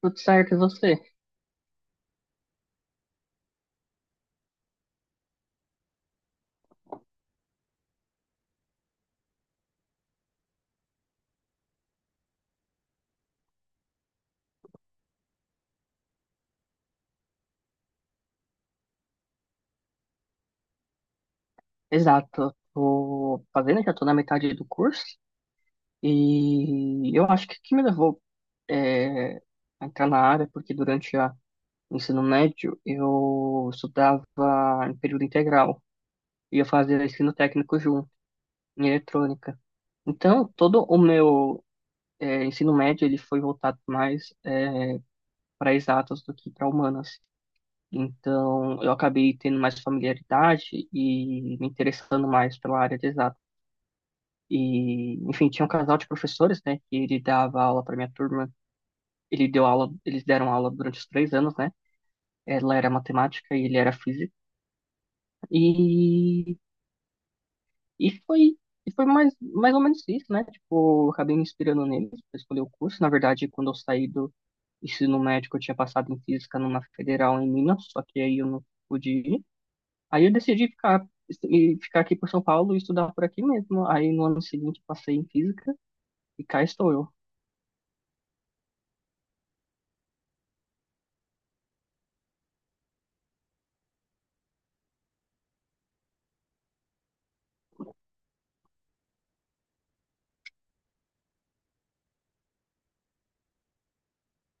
Tudo certo, e você? Exato. Tô fazendo, já tô na metade do curso. E eu acho que o que me levou é, a entrar na área, porque durante o ensino médio eu estudava em período integral e eu fazia ensino técnico junto, em eletrônica. Então, todo o meu ensino médio ele foi voltado mais para exatas do que para humanas. Então, eu acabei tendo mais familiaridade e me interessando mais pela área de exatas. E, enfim, tinha um casal de professores, né, que ele dava aula para minha turma. Eles deram aula durante os 3 anos, né? Ela era matemática e ele era física. E, e foi, e foi mais ou menos isso, né? Tipo, eu acabei me inspirando neles para escolher o curso. Na verdade, quando eu saí do ensino médio, eu tinha passado em física numa federal em Minas, só que aí eu não pude ir. Aí eu decidi ficar e ficar aqui por São Paulo e estudar por aqui mesmo. Aí no ano seguinte passei em física e cá estou eu.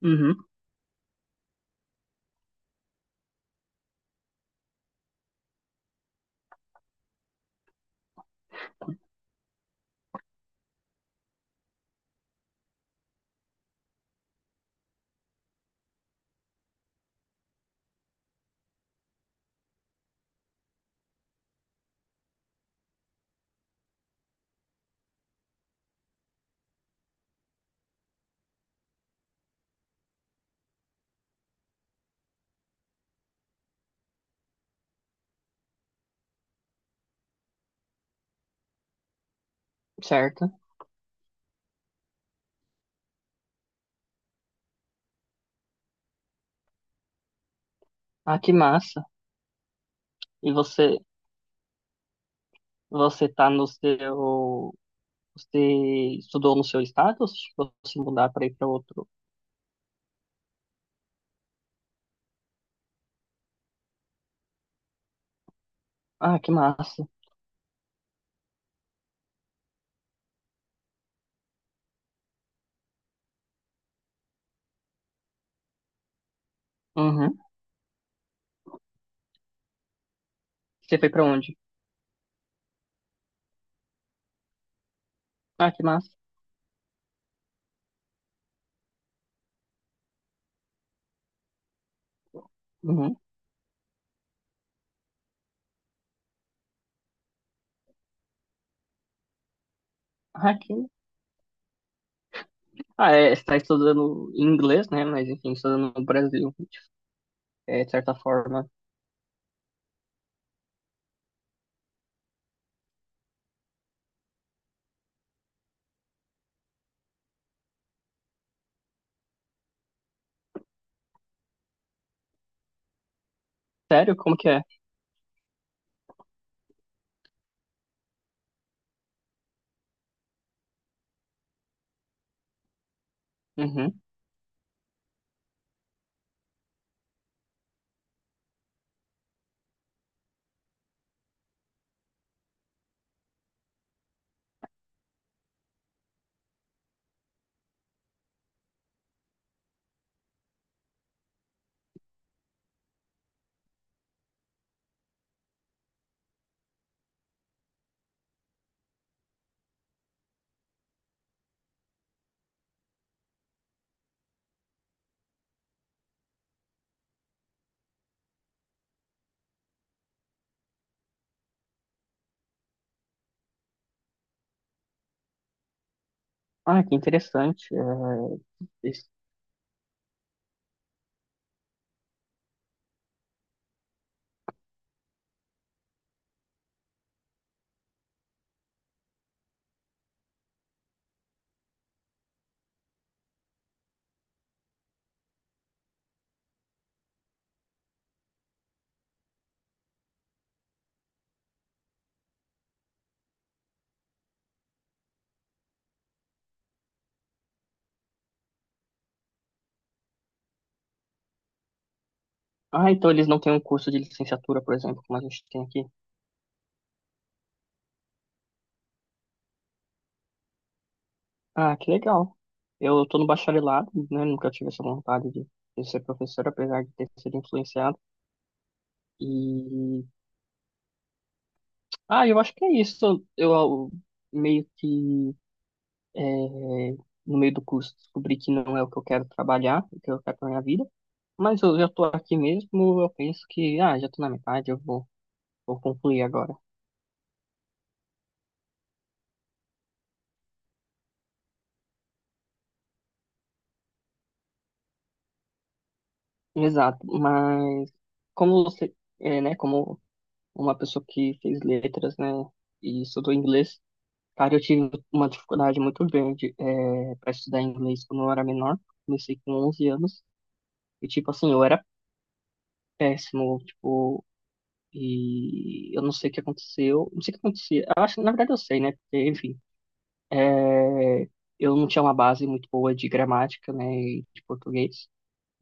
Uhum, certo. Ah, que massa. E você tá no seu, você estudou no seu estado ou você chegou a se mudar para ir para outro? Ah, que massa. Uhum. Você foi para onde? Ah, que massa. Uhum. Ah, que... ah, você tá estudando em inglês, né? Mas enfim, estudando no Brasil, de certa forma. Sério? Como que é? Uhum. Ah, que interessante. É, isso- Ah, então eles não têm um curso de licenciatura, por exemplo, como a gente tem aqui. Ah, que legal. Eu tô no bacharelado, né? Nunca tive essa vontade de, ser professor, apesar de ter sido influenciado. E, ah, eu acho que é isso. Eu meio que, é, no meio do curso, descobri que não é o que eu quero trabalhar, o que eu quero pra minha vida. Mas eu já tô aqui mesmo, eu penso que, ah, já tô na metade, eu vou concluir agora. Exato, mas como você, né, como uma pessoa que fez letras, né, e estudou inglês. Cara, eu tive uma dificuldade muito grande para estudar inglês quando eu era menor. Comecei com 11 anos e, tipo assim, eu era péssimo, tipo, e eu não sei o que aconteceu. Não sei o que acontecia. Eu acho, na verdade, eu sei, né? Porque, enfim, é, eu não tinha uma base muito boa de gramática, né, e de português,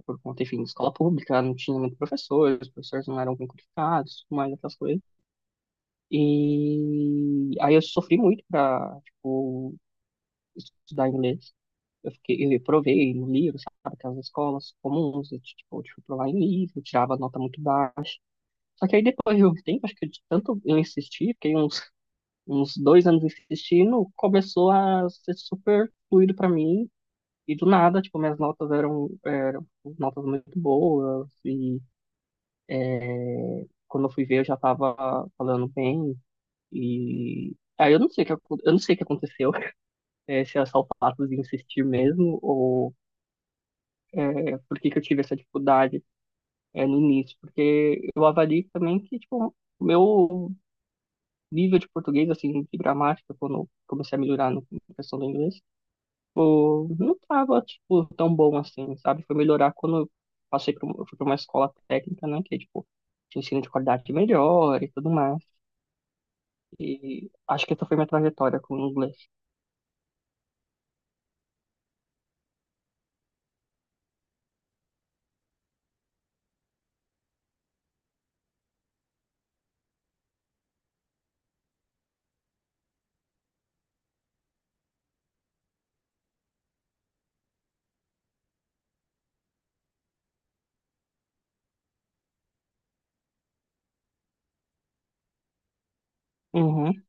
por conta, enfim, de escola pública, não tinha muito professor, os professores não eram bem qualificados, tudo mais aquelas coisas. E aí eu sofri muito para, tipo, estudar inglês. Eu provei no livro, sabe, aquelas escolas comuns, eu, tipo, eu fui provar em livro, eu tirava nota muito baixa. Só que aí depois de um tempo, acho que de tanto eu insistir, fiquei uns, 2 anos insistindo, começou a ser super fluido para mim, e do nada, tipo, minhas notas eram notas muito boas, e quando eu fui ver eu já tava falando bem, e aí eu não sei o que, eu não sei o que aconteceu, se é só o fato de insistir mesmo, ou por que que eu tive essa dificuldade, no início, porque eu avalio também que, tipo, o meu nível de português, assim, de gramática, quando eu comecei a melhorar na questão do inglês, tipo, não tava, tipo, tão bom assim, sabe? Foi melhorar quando eu eu fui pra uma escola técnica, né, que, tipo, tinha ensino de qualidade melhor e tudo mais. E acho que essa foi minha trajetória com o inglês. Uhum,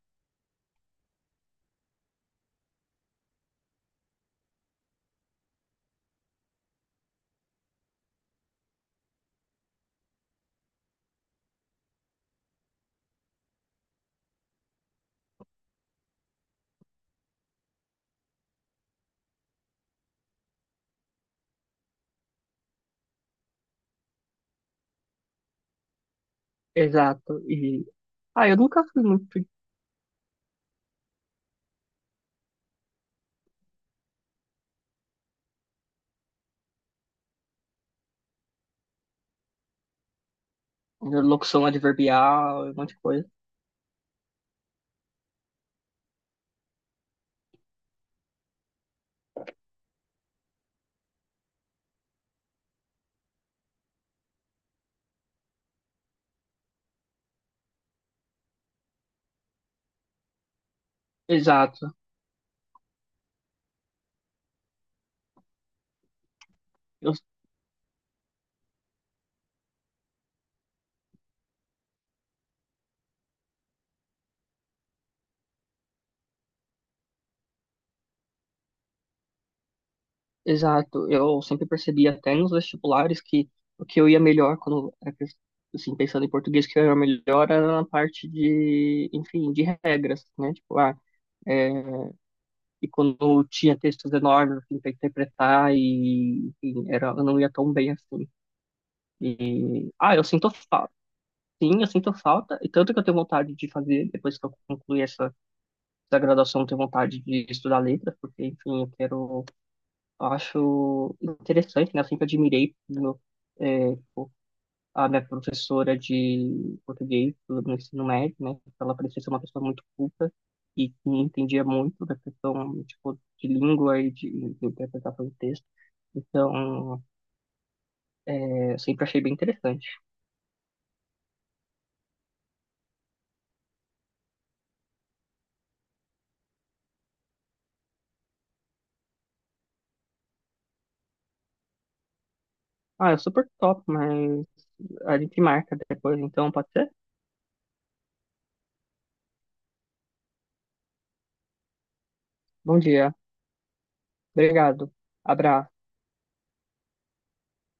exato. E, ah, eu nunca fui muito de locução adverbial, um monte de coisa. Exato. Eu Exato, eu sempre percebi até nos vestibulares que o que eu ia melhor assim, pensando em português, que eu ia melhor era na parte de, enfim, de regras, né? Tipo, ah, é, e quando tinha textos enormes, assim, para interpretar e, enfim, eu não ia tão bem assim. E, ah, eu sinto falta. Sim, eu sinto falta, e tanto que eu tenho vontade de fazer, depois que eu concluir essa, graduação, eu tenho vontade de estudar letras, porque, enfim, Eu acho interessante, né? Eu sempre admirei no, pô, a minha professora de português no ensino médio, né? Ela parecia ser uma pessoa muito culta e que entendia muito da questão, tipo, de língua e de, interpretação de texto. Então, eu sempre achei bem interessante. Ah, é super top, mas a gente marca depois, então pode ser? Bom dia. Obrigado. Abraço.